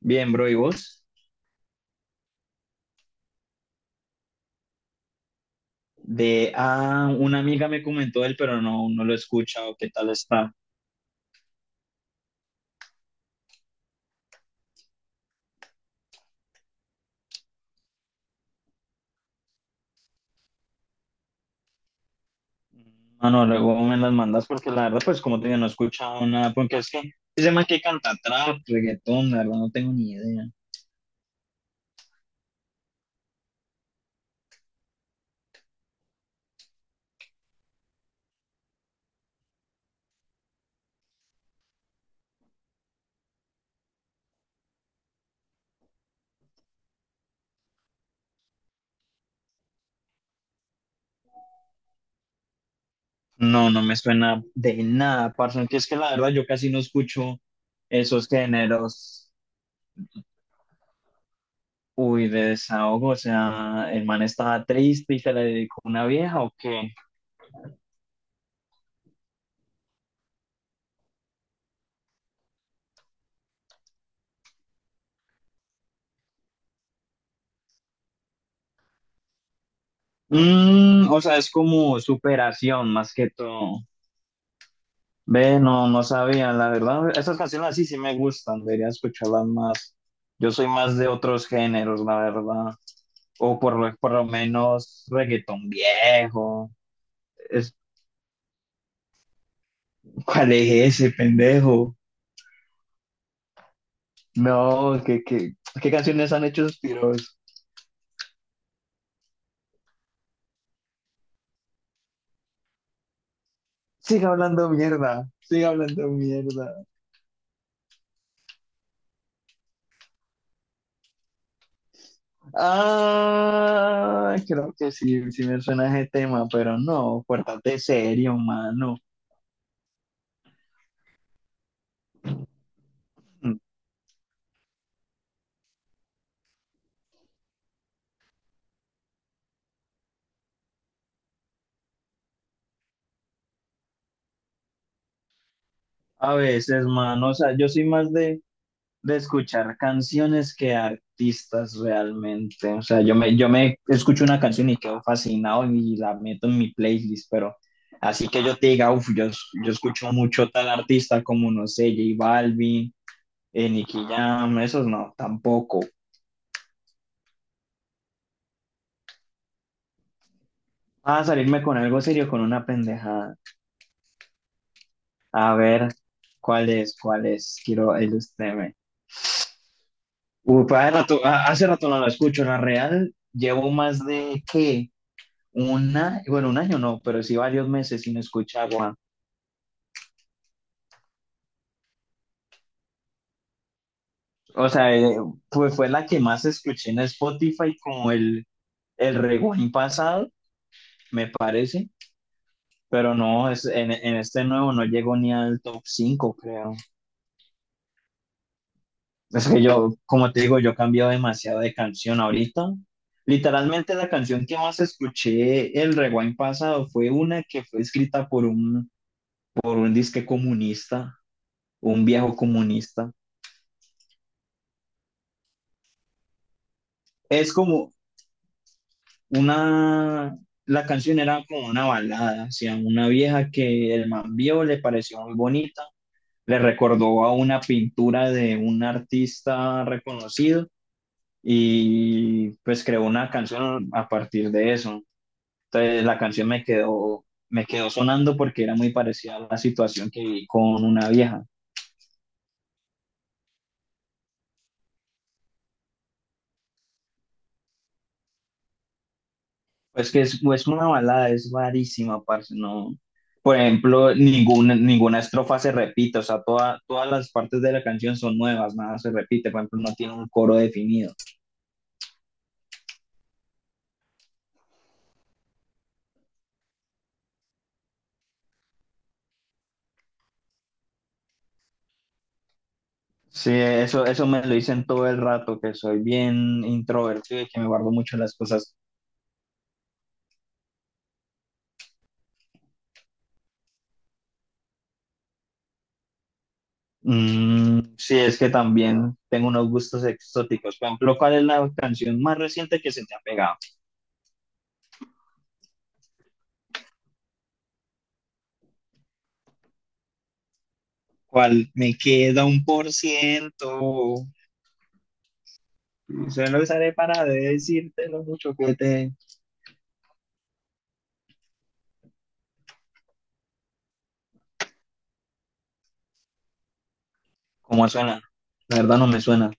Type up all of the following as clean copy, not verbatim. Bien, bro, ¿y vos? Una amiga me comentó él, pero no, no lo he escuchado. ¿Qué tal está? Ah, no, luego me las mandas porque la verdad, pues como te digo, no he escuchado nada, porque es que ese man que canta trap, reggaetón, la verdad, no tengo ni idea. No, no me suena de nada, parce, aunque es que la verdad yo casi no escucho esos géneros. Uy, de desahogo, o sea, el man estaba triste y se le dedicó una vieja, ¿o qué? O sea, es como superación más que todo. Ve, no, no sabía, la verdad, esas canciones así sí me gustan, debería escucharlas más. Yo soy más de otros géneros, la verdad, o por lo menos reggaetón viejo. Es, ¿Cuál es ese pendejo? No, ¿qué canciones han hecho suspiros tiros? Sigue hablando mierda, sigue hablando mierda. Ah, creo que sí, sí me suena ese tema, pero no, pórtate serio, mano. A veces, mano, o sea, yo soy más de escuchar canciones que artistas realmente. O sea, yo me escucho una canción y quedo fascinado y la meto en mi playlist, pero así que yo te diga, uff, yo escucho mucho tal artista como, no sé, J Balvin, Nicky Jam, esos no, tampoco. A salirme con algo serio, con una pendejada. A ver, ¿cuál es? ¿Cuál es? Quiero ilustrarme. Uf, hace rato no la escucho, la real. Llevo más de, ¿qué? Bueno, un año no, pero sí varios meses sin escuchar Juan. O sea, fue la que más escuché en Spotify como el rewind pasado, me parece, pero no, en este nuevo no llegó ni al top 5 creo. Es que yo, como te digo, yo he cambiado demasiado de canción ahorita. Literalmente la canción que más escuché el rewind pasado fue una que fue escrita por un disque comunista, un viejo comunista. Es como, una, la canción era como una balada, hacia una vieja que el man vio, le pareció muy bonita, le recordó a una pintura de un artista reconocido y pues creó una canción a partir de eso. Entonces la canción me quedó sonando porque era muy parecida a la situación que viví con una vieja. Pues que es una balada, es rarísima, parce, no. Por ejemplo, ninguna estrofa se repite, o sea, todas las partes de la canción son nuevas, nada se repite, por ejemplo, no tiene un coro definido. Sí, eso me lo dicen todo el rato, que soy bien introvertido y que me guardo mucho las cosas. Mm, sí, es que también tengo unos gustos exóticos. Por ejemplo, ¿cuál es la canción más reciente que se te ha pegado? ¿Cuál me queda 1%? Yo no usaré para decirte lo mucho que te... ¿Cómo suena? La verdad no me suena.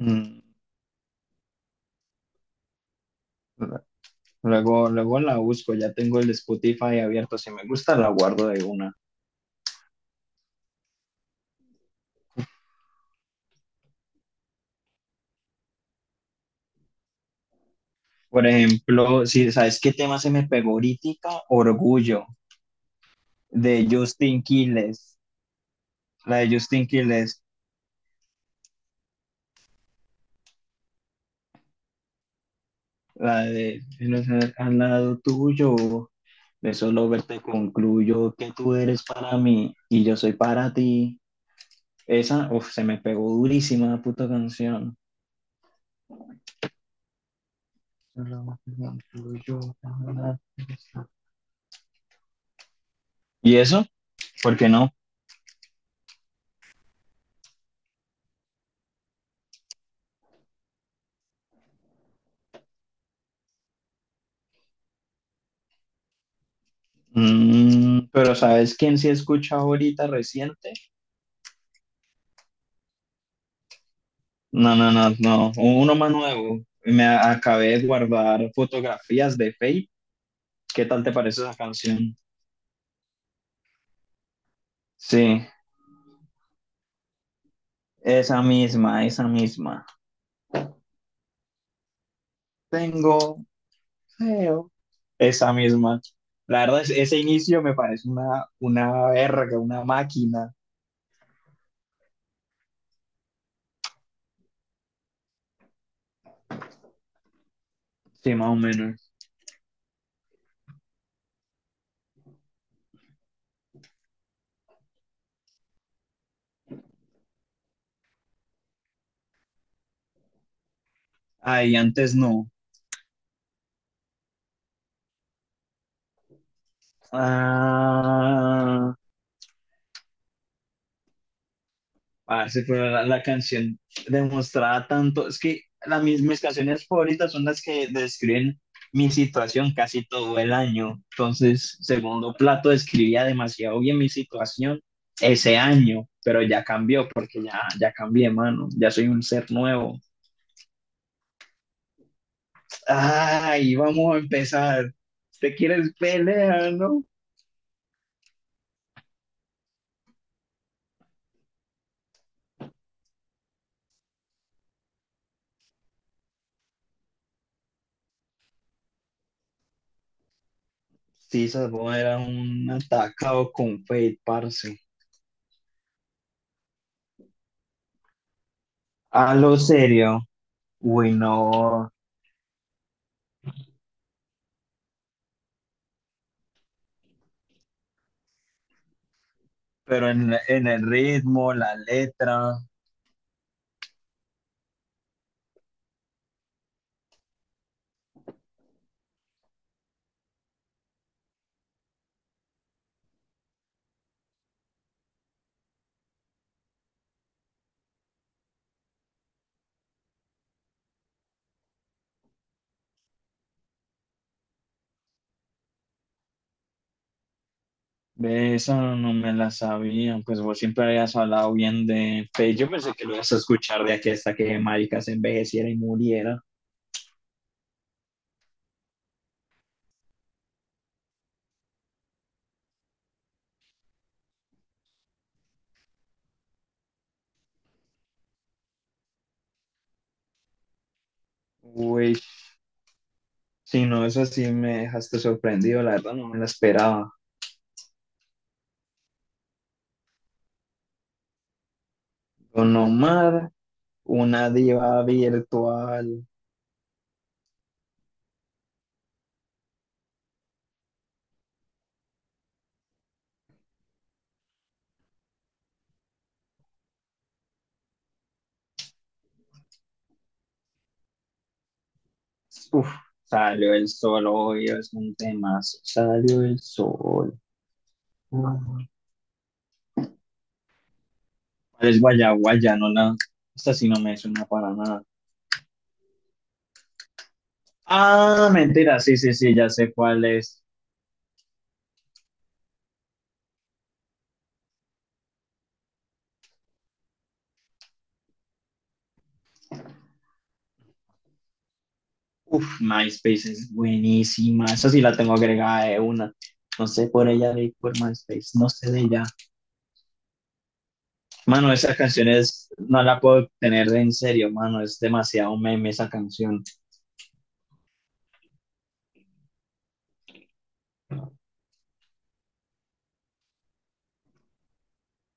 Mm, Luego, luego la busco, ya tengo el Spotify abierto. Si me gusta, la guardo de una. Por ejemplo, si sabes qué tema se me pegó ahorita, Orgullo, de Justin Quiles. La de Justin Quiles, la de "Si no sé, al lado tuyo, de solo verte concluyo que tú eres para mí y yo soy para ti". Esa, uf, se me pegó durísima la puta canción. ¿Y eso? ¿Por qué no? Pero ¿sabes quién sí escucha ahorita reciente? No, no, no, no. Uno más nuevo. Me acabé de guardar fotografías de Faith. ¿Qué tal te parece esa canción? Sí, esa misma, esa misma. Tengo feo. Esa misma. La verdad, ese inicio me parece una verga, una máquina. Sí, más o menos. Ay, antes no. Ah, parce, pero la canción demostraba tanto, es que mis canciones favoritas son las que describen mi situación casi todo el año. Entonces, Segundo Plato describía demasiado bien mi situación ese año, pero ya cambió porque ya cambié, mano, ya soy un ser nuevo. Ay, vamos a empezar. ¿Te quieres pelear, no? Sí, Salvo era un atacado con Fate, parce. A lo serio. Uy, no. Pero en el ritmo, la letra, de esa no me la sabía, pues vos siempre habías hablado bien de Faith, yo pensé que lo ibas a escuchar de aquí hasta que marica se envejeciera y muriera. Uy, si no, eso sí me dejaste sorprendido, la verdad no me la esperaba. Don Omar, una diva virtual. Uf, salió el sol hoy, es un temazo. Salió el sol. Ah, ¿cuál es Guaya Guaya? Esta sí no me suena para nada. Ah, mentira, sí, sí, sí, ya sé cuál es. Uf, MySpace es buenísima. Esa sí la tengo agregada de una. No sé por ella ni por MySpace, no sé de ella. Mano, esa canción no la puedo tener de en serio, mano, es demasiado meme esa canción.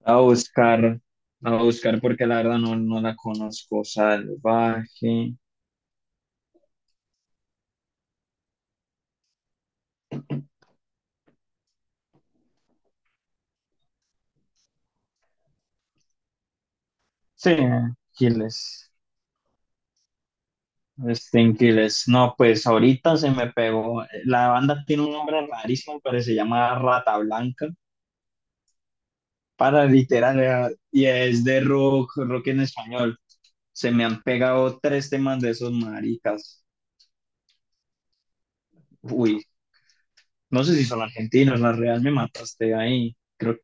A buscar, a buscar porque la verdad no, no la conozco. Salvaje. Sí, Quiles. Sting Quiles. No, pues ahorita se me pegó. La banda tiene un nombre rarísimo, pero se llama Rata Blanca. Para literal, y es de rock, rock en español. Se me han pegado tres temas de esos maricas. Uy, no sé si son argentinos, la real me mataste ahí.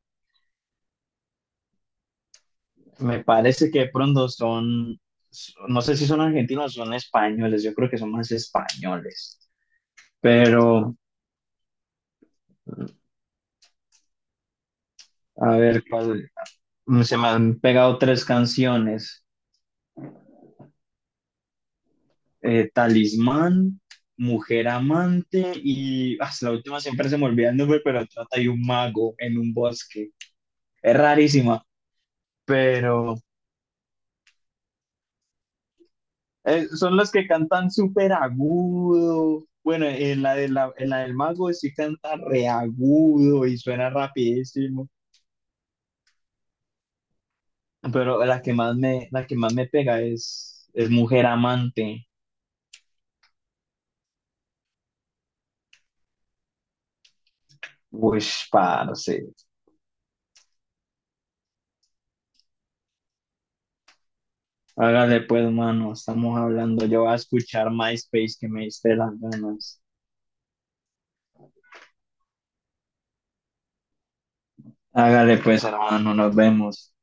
Me parece que de pronto son, no sé si son argentinos o son españoles, yo creo que son más españoles. Pero, a ver, ¿cuál? Se me han pegado tres canciones. Talismán, Mujer Amante y la última siempre se me olvida el nombre, pero trata de un mago en un bosque. Es rarísima, pero son los que cantan súper agudo. Bueno, en la del mago sí canta reagudo y suena rapidísimo, pero la que más me pega es Mujer Amante. Uy, parce. Hágale pues, mano, estamos hablando. Yo voy a escuchar MySpace que me diste las ganas. Hágale pues, hermano, nos vemos.